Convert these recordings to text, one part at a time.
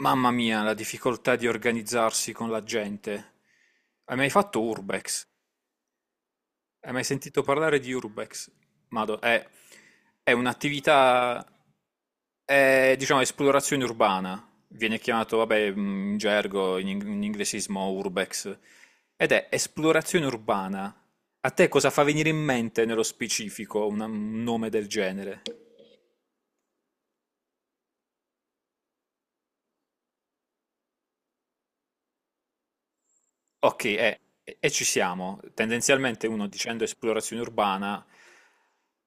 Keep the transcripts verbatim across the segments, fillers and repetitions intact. Mamma mia, la difficoltà di organizzarsi con la gente. Hai mai fatto Urbex? Hai mai sentito parlare di Urbex? Mado, è, è un'attività, è, diciamo, esplorazione urbana. Viene chiamato, vabbè, in gergo, in, ing- in inglesismo Urbex. Ed è esplorazione urbana. A te cosa fa venire in mente nello specifico una- un nome del genere? Ok, eh, e, e ci siamo. Tendenzialmente uno dicendo esplorazione urbana,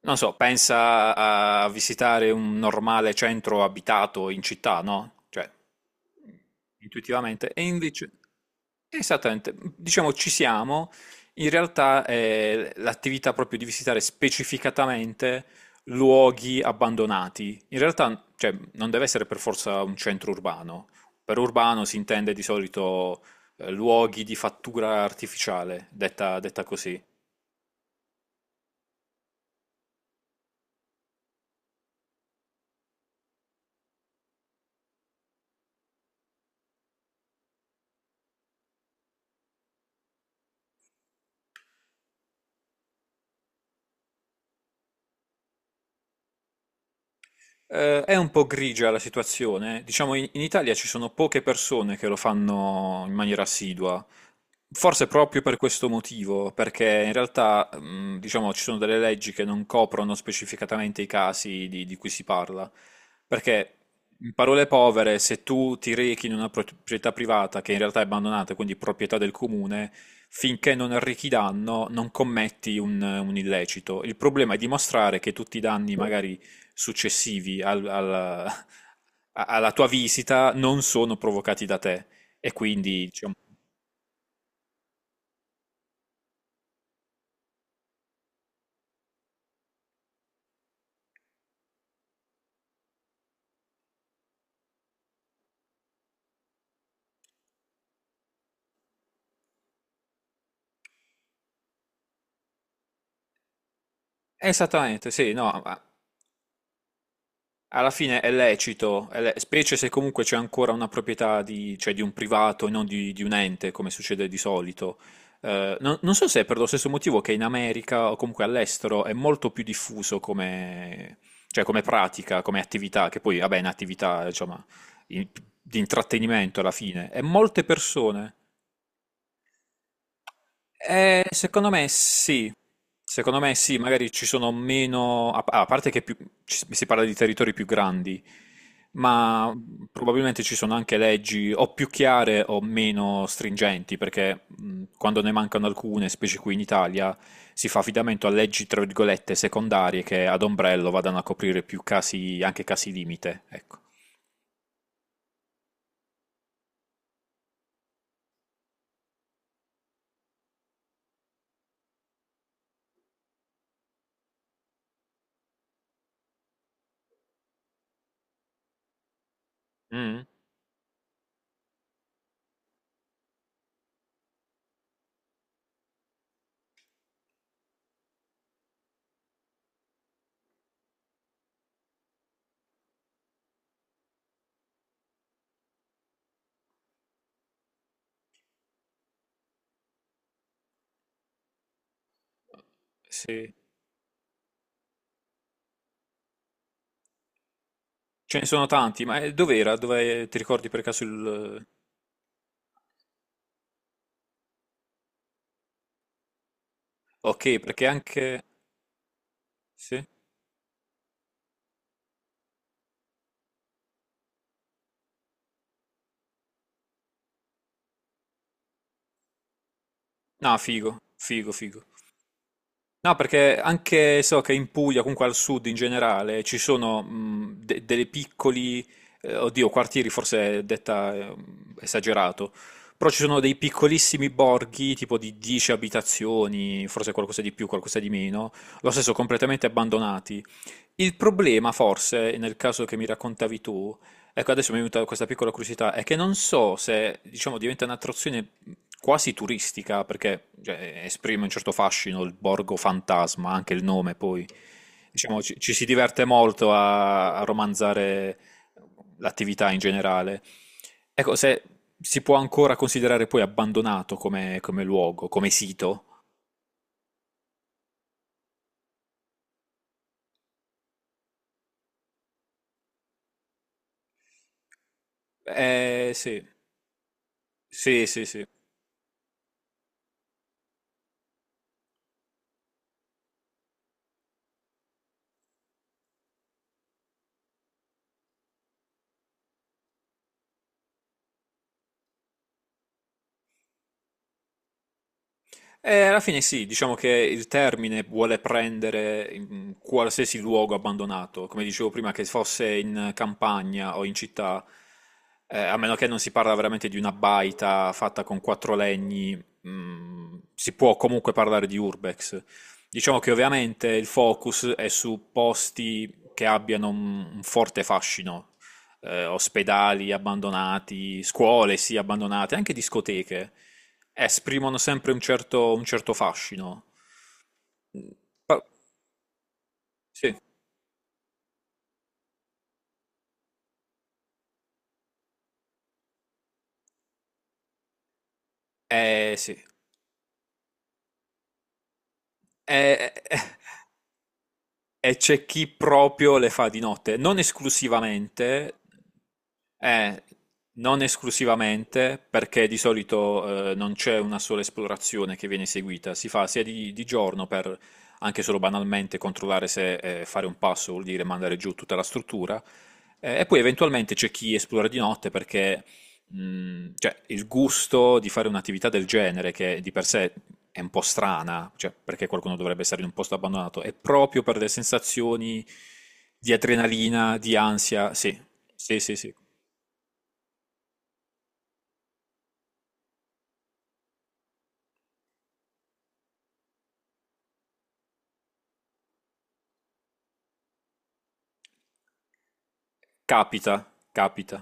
non so, pensa a visitare un normale centro abitato in città, no? Cioè, intuitivamente. E invece, esattamente, diciamo ci siamo, in realtà è l'attività proprio di visitare specificatamente luoghi abbandonati. In realtà, cioè, non deve essere per forza un centro urbano. Per urbano si intende di solito eh, luoghi di fattura artificiale, detta, detta così. Eh, è un po' grigia la situazione. Diciamo, in, in Italia ci sono poche persone che lo fanno in maniera assidua. Forse proprio per questo motivo, perché in realtà, mh, diciamo, ci sono delle leggi che non coprono specificatamente i casi di, di cui si parla. Perché, in parole povere, se tu ti rechi in una pro- proprietà privata che in realtà è abbandonata, quindi proprietà del comune, finché non arrechi danno, non commetti un, un illecito. Il problema è dimostrare che tutti i danni magari successivi al- alla, a- alla tua visita non sono provocati da te. E quindi, diciamo, esattamente, sì, no, ma alla fine è lecito, è le- specie se comunque c'è ancora una proprietà di, cioè di un privato e non di, di un ente, come succede di solito. Eh, non, non so se è per lo stesso motivo che in America o comunque all'estero è molto più diffuso come, cioè come pratica, come attività, che poi, vabbè, è un'attività, insomma, in- di intrattenimento alla fine. E molte persone eh, secondo me sì, secondo me sì, magari ci sono meno, a, a parte che più- ci- si parla di territori più grandi, ma probabilmente ci sono anche leggi o più chiare o meno stringenti, perché mh, quando ne mancano alcune, specie qui in Italia, si fa affidamento a leggi, tra virgolette, secondarie che ad ombrello vadano a coprire più casi, anche casi limite, ecco. Mm, sì, ce ne sono tanti, ma eh, dov'era? Dove ti ricordi per caso il... eh, ok, perché anche... Sì? No, figo, figo, figo. No, perché anche so che in Puglia, comunque al sud in generale, ci sono mh, de- dei piccoli, eh, oddio, quartieri forse è detta eh, esagerato, però ci sono dei piccolissimi borghi, tipo di dieci abitazioni, forse qualcosa di più, qualcosa di meno, lo stesso completamente abbandonati. Il problema, forse, nel caso che mi raccontavi tu, ecco, adesso mi è venuta questa piccola curiosità, è che non so se, diciamo, diventa un'attrazione quasi turistica, perché, cioè, esprime un certo fascino il borgo fantasma, anche il nome, poi, diciamo, ci, ci si diverte molto a, a romanzare l'attività in generale. Ecco, se si può ancora considerare poi abbandonato come, come luogo, come sito. Eh, sì, sì, sì, sì. Eh, alla fine sì, diciamo che il termine vuole prendere in qualsiasi luogo abbandonato, come dicevo prima, che fosse in campagna o in città, eh, a meno che non si parla veramente di una baita fatta con quattro legni, mm, si può comunque parlare di urbex. Diciamo che ovviamente il focus è su posti che abbiano un un forte fascino, eh, ospedali abbandonati, scuole sì abbandonate, anche discoteche, esprimono sempre un certo, un certo fascino. Mm, pa- sì, eh sì. Eh, eh, eh. E c'è chi proprio le fa di notte, non esclusivamente, eh, non esclusivamente, perché di solito eh, non c'è una sola esplorazione che viene eseguita, si fa sia di, di giorno per anche solo banalmente controllare se eh, fare un passo vuol dire mandare giù tutta la struttura, eh, e poi eventualmente c'è chi esplora di notte perché mh, cioè, il gusto di fare un'attività del genere, che di per sé è un po' strana, cioè, perché qualcuno dovrebbe stare in un posto abbandonato, è proprio per le sensazioni di adrenalina, di ansia. Sì, sì, sì, sì. Capita, capita.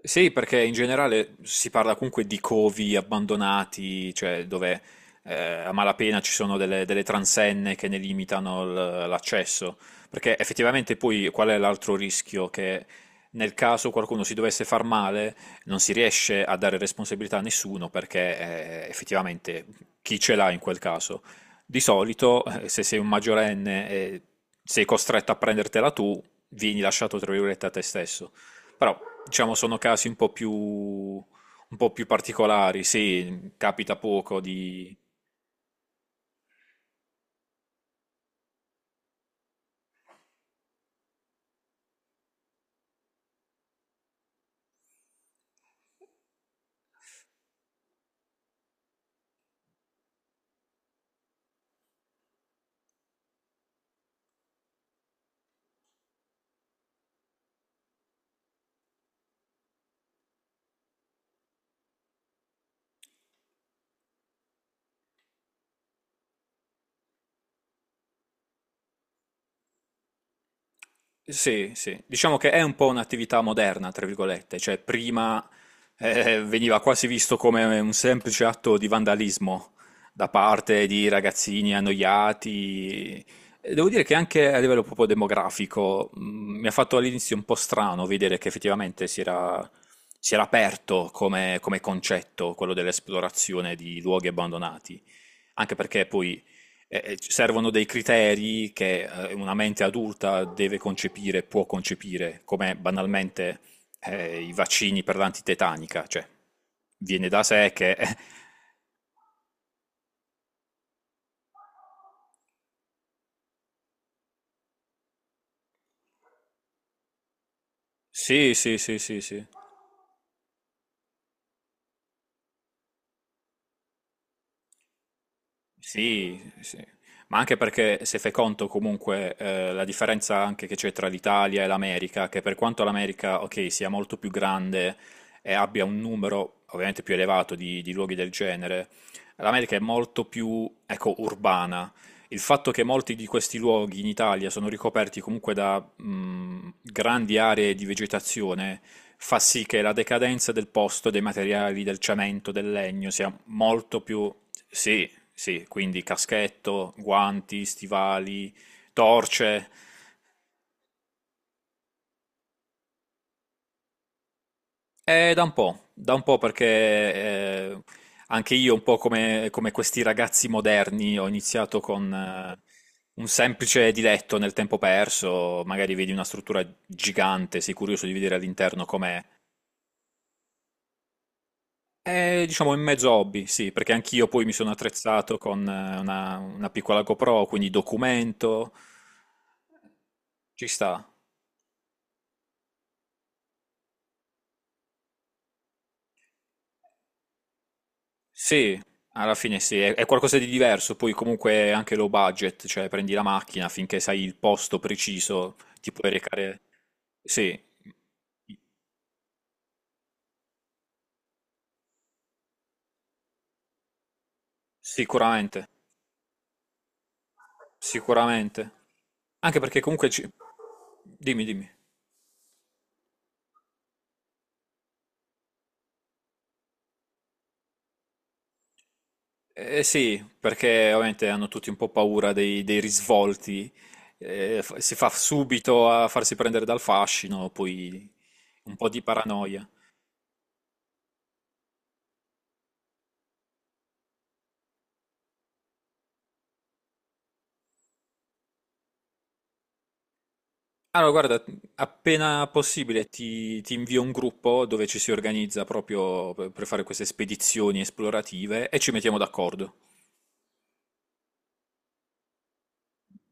Sì, perché in generale si parla comunque di covi abbandonati, cioè dove eh, a malapena ci sono delle, delle transenne che ne limitano l- l'accesso. Perché effettivamente poi qual è l'altro rischio? Che nel caso qualcuno si dovesse far male non si riesce a dare responsabilità a nessuno perché eh, effettivamente chi ce l'ha in quel caso? Di solito eh, se sei un maggiorenne e sei costretto a prendertela tu, vieni lasciato tra virgolette a te stesso. Però, diciamo, sono casi un po' più, un po' più particolari. Sì, capita poco di, sì, sì, diciamo che è un po' un'attività moderna, tra virgolette, cioè prima eh, veniva quasi visto come un semplice atto di vandalismo da parte di ragazzini annoiati. E devo dire che anche a livello proprio demografico mh, mi ha fatto all'inizio un po' strano vedere che effettivamente si era, si era aperto come, come concetto quello dell'esplorazione di luoghi abbandonati. Anche perché poi eh, eh, ci servono dei criteri che eh, una mente adulta deve concepire, può concepire, come banalmente eh, i vaccini per l'antitetanica, cioè viene da sé che... Sì, sì, sì, sì, sì. Sì, sì. Ma anche perché se fai conto comunque eh, la differenza anche che c'è tra l'Italia e l'America, che per quanto l'America, ok, sia molto più grande e abbia un numero ovviamente più elevato di, di luoghi del genere, l'America è molto più, ecco, urbana. Il fatto che molti di questi luoghi in Italia sono ricoperti comunque da mh, grandi aree di vegetazione fa sì che la decadenza del posto, dei materiali, del cemento, del legno sia molto più... Sì, sì, quindi caschetto, guanti, stivali, torce. È da un po', da un po' perché eh, anche io, un po' come, come questi ragazzi moderni, ho iniziato con eh, un semplice diletto nel tempo perso. Magari vedi una struttura gigante, sei curioso di vedere all'interno com'è. È, diciamo, in mezzo hobby, sì, perché anch'io poi mi sono attrezzato con eh, una, una piccola GoPro, quindi documento, ci sta. Sì, alla fine sì, è, è qualcosa di diverso, poi comunque è anche low budget, cioè prendi la macchina finché sai il posto preciso, ti puoi recare... Sì, sicuramente, sicuramente. Anche perché comunque ci... Dimmi, dimmi. Eh sì, perché ovviamente hanno tutti un po' paura dei, dei risvolti, eh, fa- si fa subito a farsi prendere dal fascino, poi un po' di paranoia. Allora, guarda, appena possibile ti, ti invio un gruppo dove ci si organizza proprio per per fare queste spedizioni esplorative e ci mettiamo d'accordo.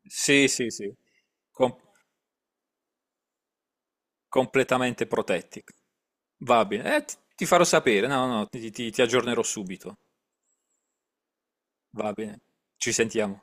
Sì, sì, sì, com- completamente protetti. Va bene, eh, ti, ti farò sapere, no, no, ti ti- ti aggiornerò subito. Va bene, ci sentiamo.